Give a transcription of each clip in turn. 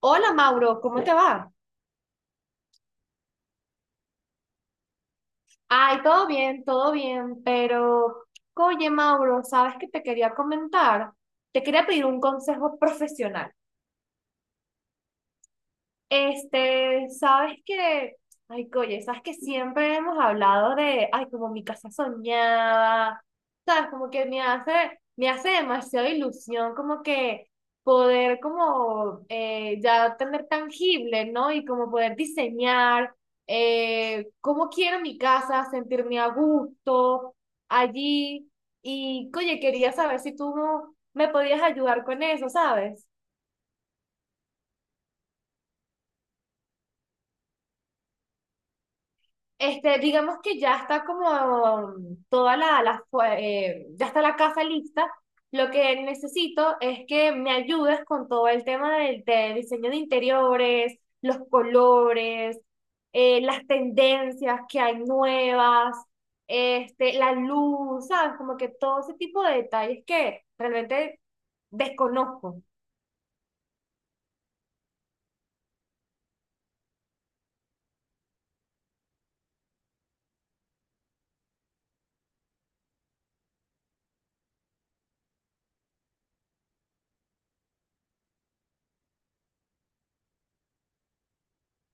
Hola Mauro, ¿cómo te va? Ay, todo bien, pero oye Mauro, ¿sabes qué te quería comentar? Te quería pedir un consejo profesional. Sabes que, oye, sabes que siempre hemos hablado de, como mi casa soñada, sabes, como que me hace demasiada ilusión, como que poder como ya tener tangible, ¿no? Y como poder diseñar cómo quiero mi casa, sentirme a gusto allí. Y, oye, quería saber si tú me podías ayudar con eso, ¿sabes? Digamos que ya está como toda ya está la casa lista. Lo que necesito es que me ayudes con todo el tema de diseño de interiores, los colores, las tendencias que hay nuevas, la luz, ¿sabes? Como que todo ese tipo de detalles que realmente desconozco.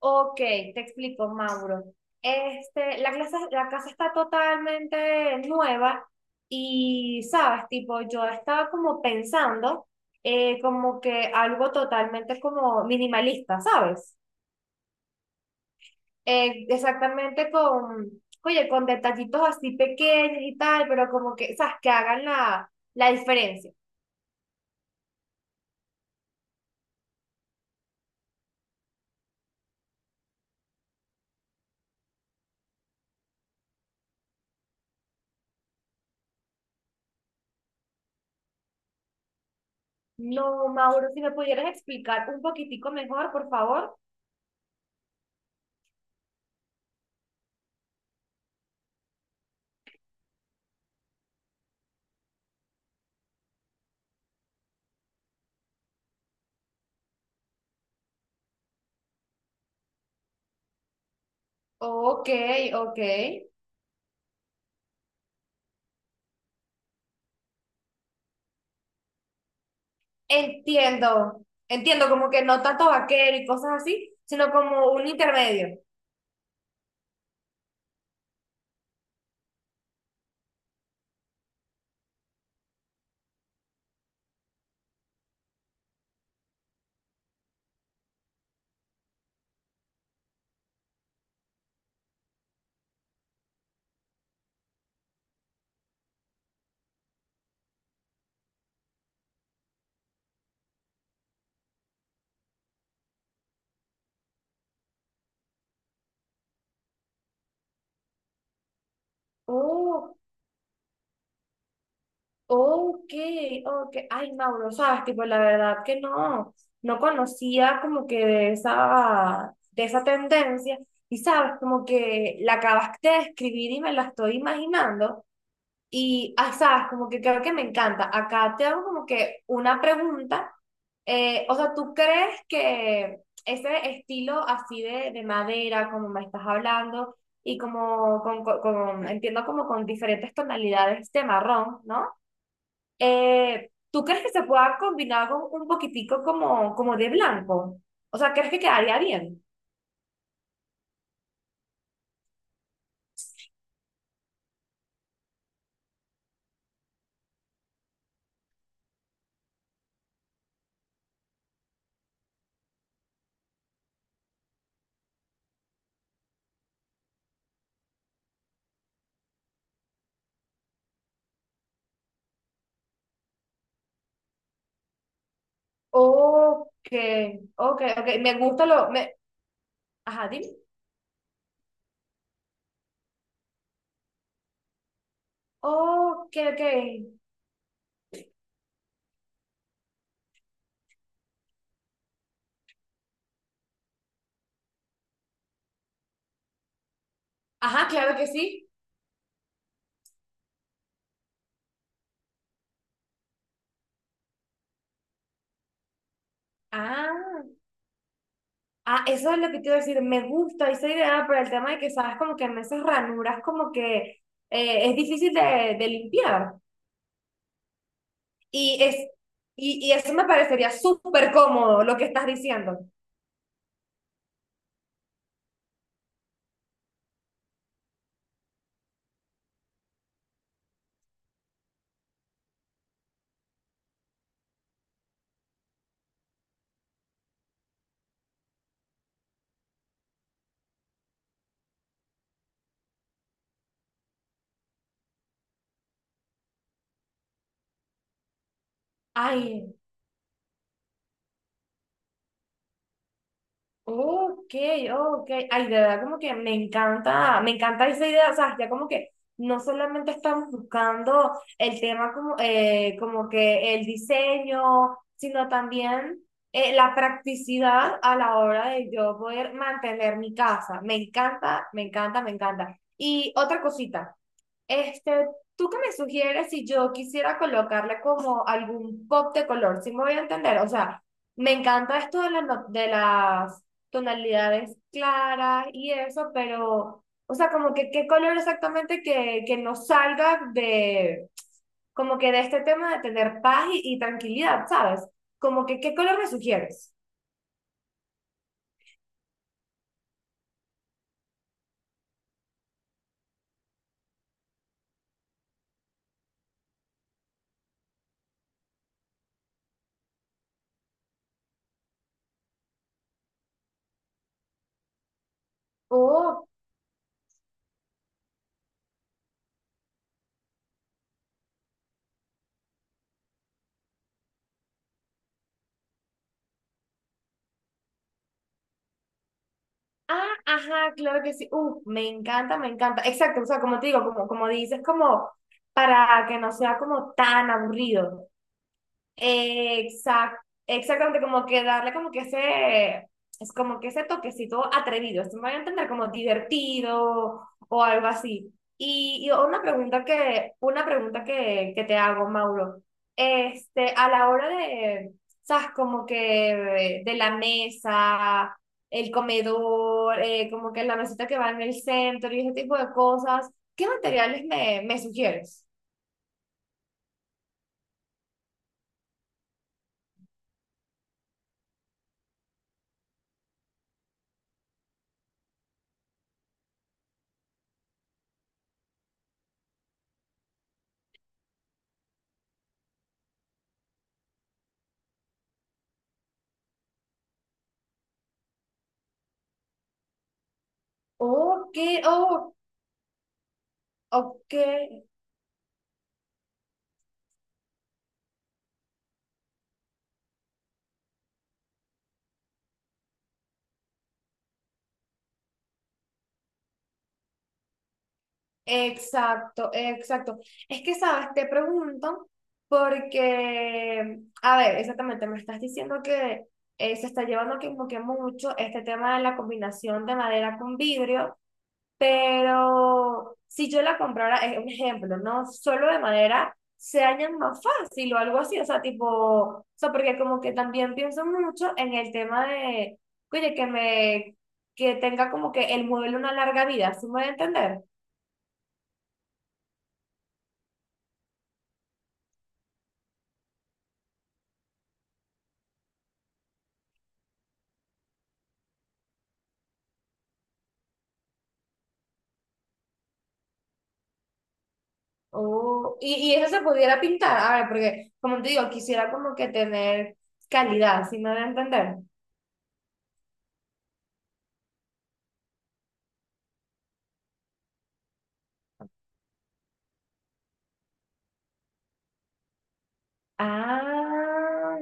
Ok, te explico, Mauro. La casa está totalmente nueva y, sabes, tipo, yo estaba como pensando como que algo totalmente como minimalista, ¿sabes? Eh, exactamente con, oye, con detallitos así pequeños y tal, pero como que, sabes, que hagan la diferencia. No, Mauro, si me pudieras explicar un poquitico mejor, por favor. Ok, ok. Entiendo, entiendo, como que no tanto vaquero y cosas así, sino como un intermedio. Oh, ok, ok. Ay, Mauro, sabes, tipo, la verdad que no, no conocía como que de de esa tendencia. Y sabes, como que la acabaste de escribir y me la estoy imaginando. Y, ay, sabes, como que creo que me encanta. Acá te hago como que una pregunta. O sea, ¿tú crees que ese estilo así de madera, como me estás hablando, y como entiendo como con diferentes tonalidades de marrón, ¿no? ¿Tú crees que se pueda combinar con un poquitico como, como de blanco? O sea, ¿crees que quedaría bien? Ok, ok, ok, me gusta lo... Me... Ajá, dime. Ok, ok. Ajá, claro que sí. Ah. Ah, eso es lo que te iba a decir, me gusta esa idea, pero el tema de que sabes como que en esas ranuras como que es difícil de limpiar. Y, es, y eso me parecería súper cómodo lo que estás diciendo. Ay, ok, ok. Ay, de verdad, como que me encanta esa idea. O sea, ya como que no solamente estamos buscando el tema como, como que el diseño, sino también la practicidad a la hora de yo poder mantener mi casa. Me encanta, me encanta, me encanta. Y otra cosita. Este, ¿Tú qué me sugieres si yo quisiera colocarle como algún pop de color? Si me voy a entender, o sea, me encanta esto de, la no- de las tonalidades claras y eso, pero, o sea, como que qué color exactamente que no salga de, como que de este tema de tener paz y tranquilidad, ¿sabes? Como que qué color me sugieres. Ok, ah, ajá, claro que sí. Me encanta, me encanta. Exacto, o sea, como te digo, como, como dices, como para que no sea como tan aburrido. Exact, exactamente, como que darle como que ese, es como que ese toquecito atrevido, esto me voy a entender como divertido o algo así. Y una pregunta que te hago, Mauro, a la hora de, sabes, como que de la mesa, el comedor, como que la mesita que va en el centro y ese tipo de cosas, ¿qué materiales me sugieres? Oh, qué, oh, ok. Exacto, exacto. Es que, sabes, te pregunto porque, a ver, exactamente, me estás diciendo que se está llevando como que mucho este tema de la combinación de madera con vidrio, pero si yo la comprara, es un ejemplo, ¿no? Solo de madera, se dañan más fácil o algo así, o sea, tipo, o sea, porque como que también pienso mucho en el tema de, oye, que tenga como que el mueble una larga vida, ¿sí me voy a entender? Oh, y eso se pudiera pintar, a ver, porque como te digo, quisiera como que tener calidad, si me van a entender? Ah,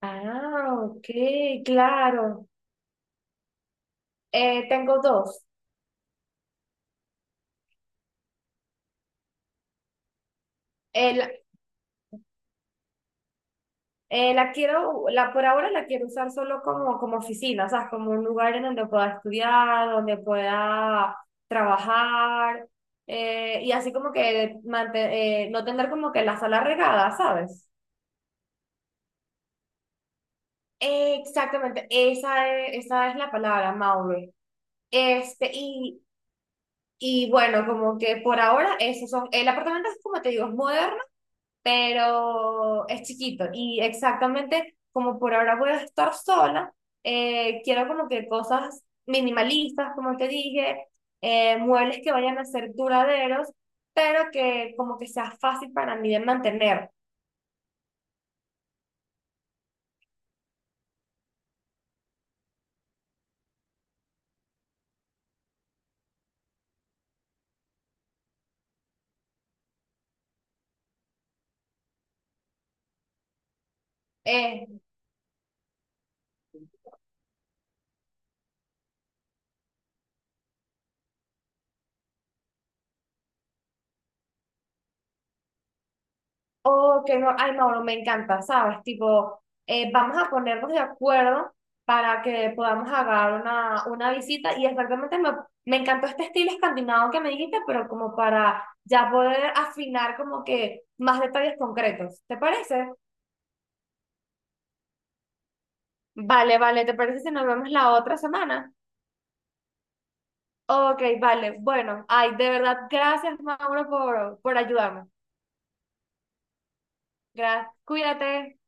ah, ok, claro. Tengo dos. El, la quiero, la por ahora la quiero usar solo como, como oficina, o sea, como un lugar en donde pueda estudiar, donde pueda trabajar, y así como que no tener como que la sala regada, ¿sabes? Exactamente, esa es la palabra, Maure. Este, y, y bueno, como que por ahora esos son, el apartamento es como te digo, es moderno, pero es chiquito. Y exactamente como por ahora voy a estar sola, quiero como que cosas minimalistas, como te dije, muebles que vayan a ser duraderos, pero que como que sea fácil para mí de mantener. Eh, oh que no, ay, Mauro, me encanta, ¿sabes? Tipo, vamos a ponernos de acuerdo para que podamos agarrar una visita y exactamente me encantó este estilo escandinavo que me dijiste, pero como para ya poder afinar como que más detalles concretos, ¿te parece? Vale, vale, ¿te parece si nos vemos la otra semana? Ok, vale, bueno, ay, de verdad, gracias, Mauro, por ayudarme. Gracias, cuídate.